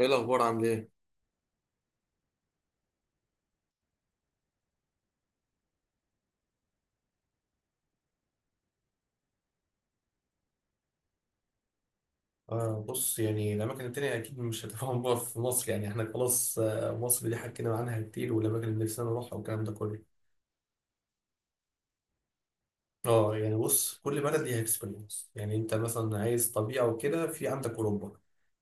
ايه الاخبار؟ عامل ايه؟ آه بص، يعني الأماكن التانية أكيد مش هتفهم. بقى في مصر يعني إحنا خلاص، آه مصر دي حكينا عنها كتير، والأماكن اللي نفسنا نروحها والكلام ده كله. آه يعني بص، كل بلد ليها إكسبيرينس. يعني أنت مثلا عايز طبيعة وكده، في عندك أوروبا.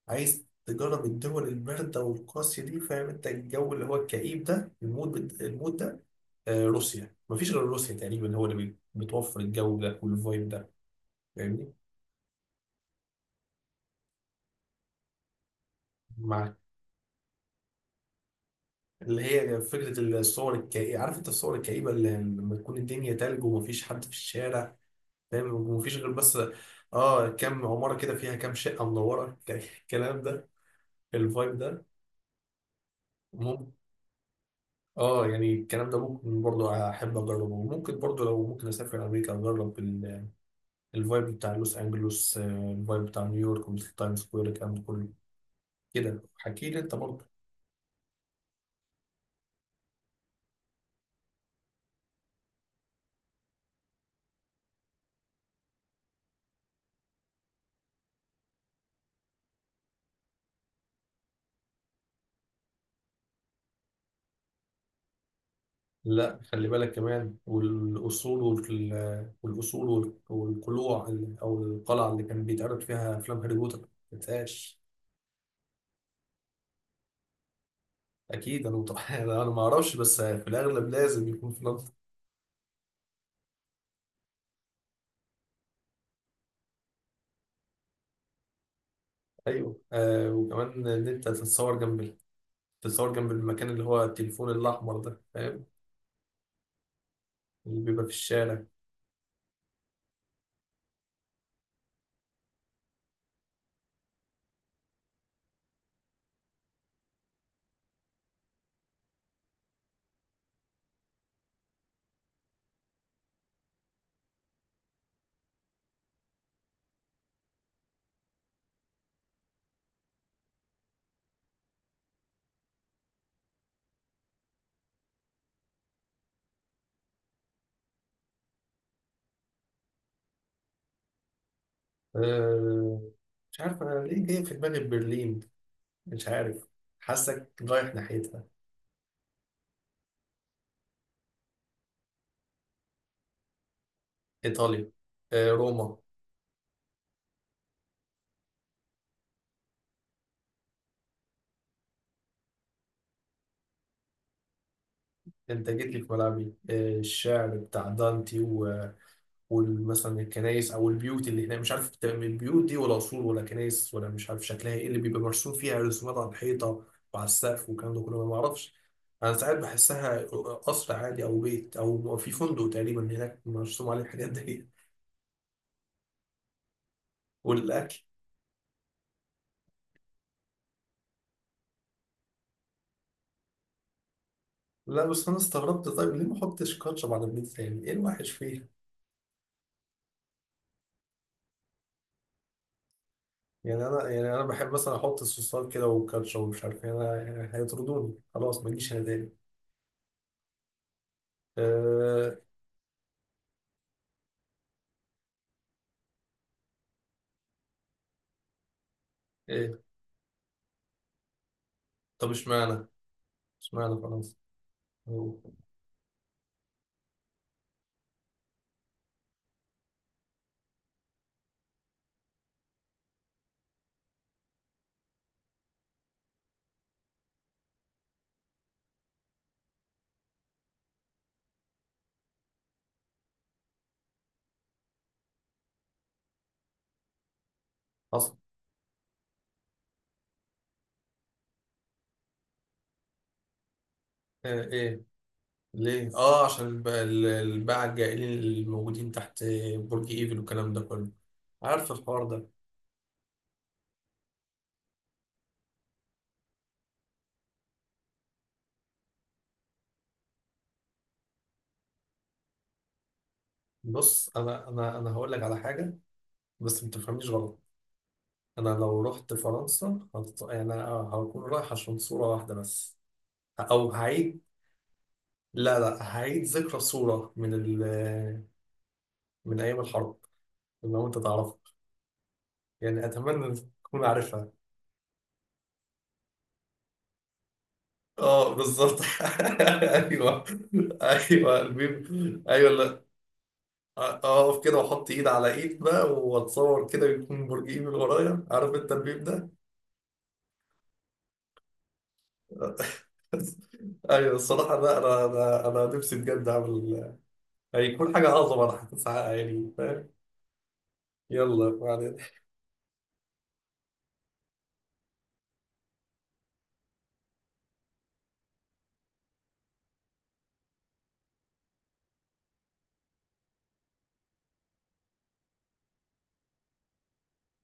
عايز تجرب الدول الباردة والقاسية دي، فاهم أنت الجو اللي هو الكئيب ده، المود المود ده. آه روسيا، مفيش غير روسيا تقريبا هو اللي بتوفر الجو ده والفايب ده. فاهمني؟ مع اللي هي فكرة الصور الكئيبة، عارف انت الصور الكئيبة اللي لما تكون الدنيا تلج ومفيش حد في الشارع، فاهم؟ ومفيش غير بس اه كام عمارة كده فيها كام شقة منورة الكلام ده، الفايب ده ممكن. اه يعني الكلام ده ممكن برضو احب اجربه. وممكن برضو لو ممكن اسافر امريكا اجرب الفايب بتاع لوس انجلوس، آه، الفايب بتاع نيويورك والتايم سكوير، الكلام ده كله. كده حكي لي انت برضو. لا خلي بالك كمان، والأصول والقلوع أو القلعة اللي كان بيتعرض فيها أفلام هاري بوتر ما تنساش. أكيد أنا متوقع أنا ما أعرفش، بس في الأغلب لازم يكون في لندن. أيوه آه، وكمان إن أنت تتصور جنب تتصور جنب المكان اللي هو التليفون الأحمر ده، فاهم؟ اللي بيبقى في الشارع. آه مش عارف أنا ليه جاي في دماغي برلين، مش عارف. حاسك رايح ناحيتها؟ إيطاليا. آه روما. انت جيت لي في ملعبي، آه، الشعر بتاع دانتي، ومثلا الكنايس او البيوت اللي هناك، مش عارف بتبقى من البيوت دي ولا قصور ولا كنايس، ولا مش عارف شكلها ايه، اللي بيبقى مرسوم فيها رسومات على الحيطه وعلى السقف والكلام ده كله، أنا ما معرفش. انا ساعات بحسها قصر عادي او بيت او في فندق تقريبا هناك مرسوم عليه الحاجات دي. والاكل، لا بس انا استغربت، طيب ليه ما احطش كاتشب على البيتزا؟ يعني ايه الوحش فيها؟ يعني انا، يعني انا بحب مثلا احط الصوصات كده والكاتشب ومش عارف إيه. انا يعني هيطردوني خلاص، ما اجيش انا تاني. آه إيه. طب اشمعنى؟ اشمعنى فرنسا؟ هو. حصل. آه إيه. ليه؟ آه عشان الباعة الجائلين اللي موجودين تحت برج إيفل والكلام ده كله. عارف الحوار ده. بص، أنا هقول لك على حاجة، بس ما تفهمنيش غلط. أنا لو رحت فرنسا يعني هكون رايح عشان صورة واحدة بس. أو هعيد، لا لا، هعيد ذكرى صورة من أيام الحرب، لو أنت تعرفها. يعني أتمنى إنك تكون عارفها. اه بالظبط ايوه. ايوه الميم، ايوه. لا اقف كده واحط ايد على ايد بقى، واتصور كده يكون برج ايفل ورايا، عارف انت الميم ده؟ ايوه الصراحه، لا انا نفسي بجد اعمل، هيكون حاجه اعظم، انا هتسعى يعني، فاهم؟ يلا بعدين.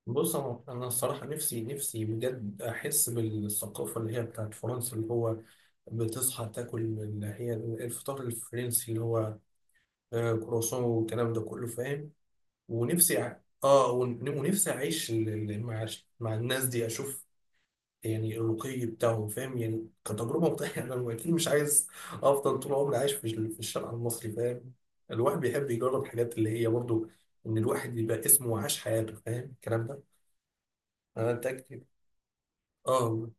بص انا الصراحه، نفسي بجد احس بالثقافه اللي هي بتاعت فرنسا، اللي هو بتصحى تاكل اللي هي الفطار الفرنسي، اللي هو آه، كرواسون والكلام ده كله، فاهم؟ ونفسي أع- اه ونفسي اعيش مع الناس دي، اشوف يعني الرقي بتاعهم، فاهم؟ يعني كتجربه مختلفه. انا اكيد مش عايز افضل طول عمري عايش في في الشارع المصري، فاهم؟ الواحد بيحب يجرب الحاجات اللي هي برضو، ان الواحد يبقى اسمه وعاش حياته، فاهم الكلام ده؟ انا اتاكد. اه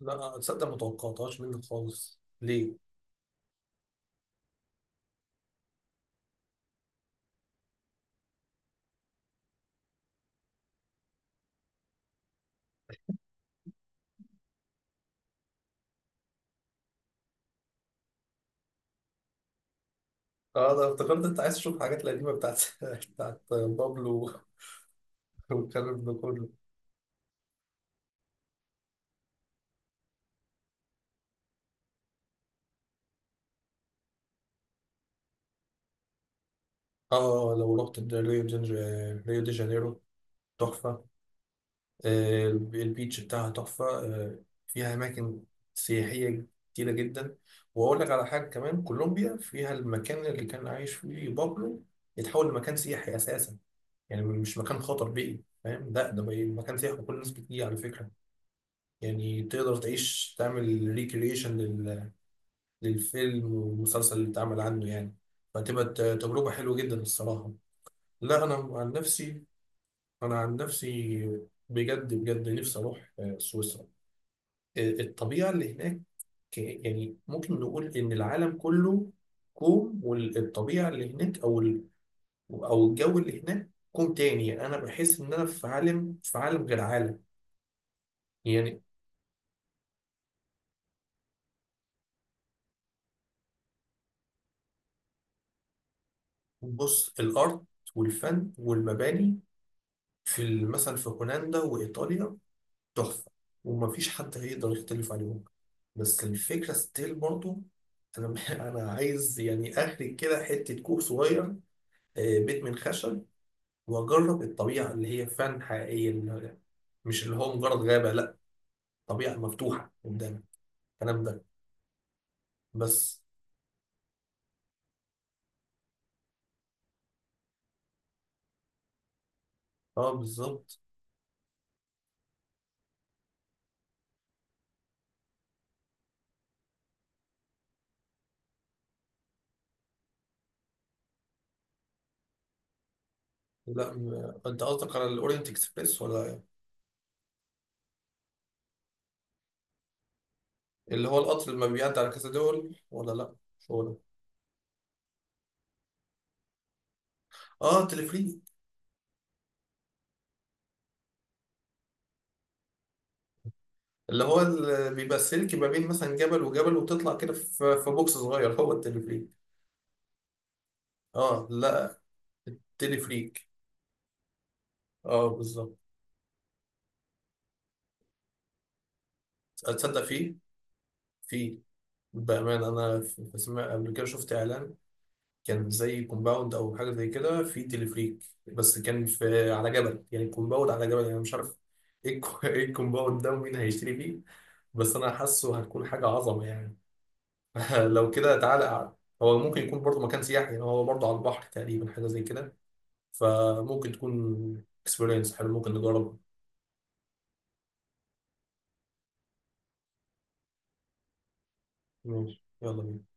لا تصدق، ما توقعتهاش منك خالص. ليه؟ اه انا افتكرت انت عايز تشوف الحاجات القديمه بتاعت بتاعت بابلو والكلام ده كله. اه لو رحت ريو دي، ريو دي جانيرو، تحفة. آه، البيتش بتاعها تحفة. آه، فيها أماكن سياحية كتيرة جدا. وأقول لك على حاجة كمان، كولومبيا فيها المكان اللي كان عايش فيه بابلو، يتحول لمكان سياحي أساسا. يعني مش مكان خطر بيئي، فاهم؟ لا ده بقى مكان سياحي وكل الناس بتيجي. على فكرة يعني تقدر تعيش، تعمل ريكريشن للفيلم والمسلسل اللي اتعمل عنه يعني. فتبقى تجربة حلوة جدا الصراحة. لا أنا عن نفسي، أنا عن نفسي بجد بجد نفسي أروح آه، سويسرا. آه، الطبيعة اللي هناك، يعني ممكن نقول إن العالم كله كوم والطبيعة اللي هناك أو الجو اللي هناك كوم تاني. يعني أنا بحس إن أنا في عالم، في عالم غير عالم يعني. بص الأرض والفن والمباني في مثلا في هولندا وإيطاليا تحفة، ومفيش حد هيقدر يختلف عليهم. بس الفكرة ستيل برضو، أنا أنا عايز يعني أخرج كده حتة كوخ صغير، آه، بيت من خشب، وأجرب الطبيعة اللي هي فعلا حقيقية، اللي مش اللي هو مجرد غابة، لأ، طبيعة مفتوحة قدامك، الكلام ده. بس أه بالظبط. لا أنت قصدك على الأورينت إكسبريس ولا إيه؟ اللي هو القطر اللي ما بيعدي على كذا دول ولا لأ؟ مش هو ده؟ أه تلفريك. اللي هو اللي بيبقى السلك ما بين مثلا جبل وجبل، وتطلع كده في في بوكس صغير، هو التليفريك. اه لا التليفريك. اه بالظبط. اتصدق فيه؟ فيه. بأمانة أنا في سمع قبل كده، شفت إعلان كان زي كومباوند أو حاجة زي كده فيه تليفريك، بس كان في على جبل. يعني كومباوند على جبل يعني، مش عارف إيه إيه الكومباوند ده ومين هيشتري فيه؟ بس أنا حاسه هتكون حاجة عظمة يعني. لو كده تعالى أعلى. هو ممكن يكون برضه مكان سياحي، يعني هو برضه على البحر تقريبا، حاجة زي كده. فممكن تكون اكسبيرينس حلو، ممكن نجرب. ماشي، يلا بينا.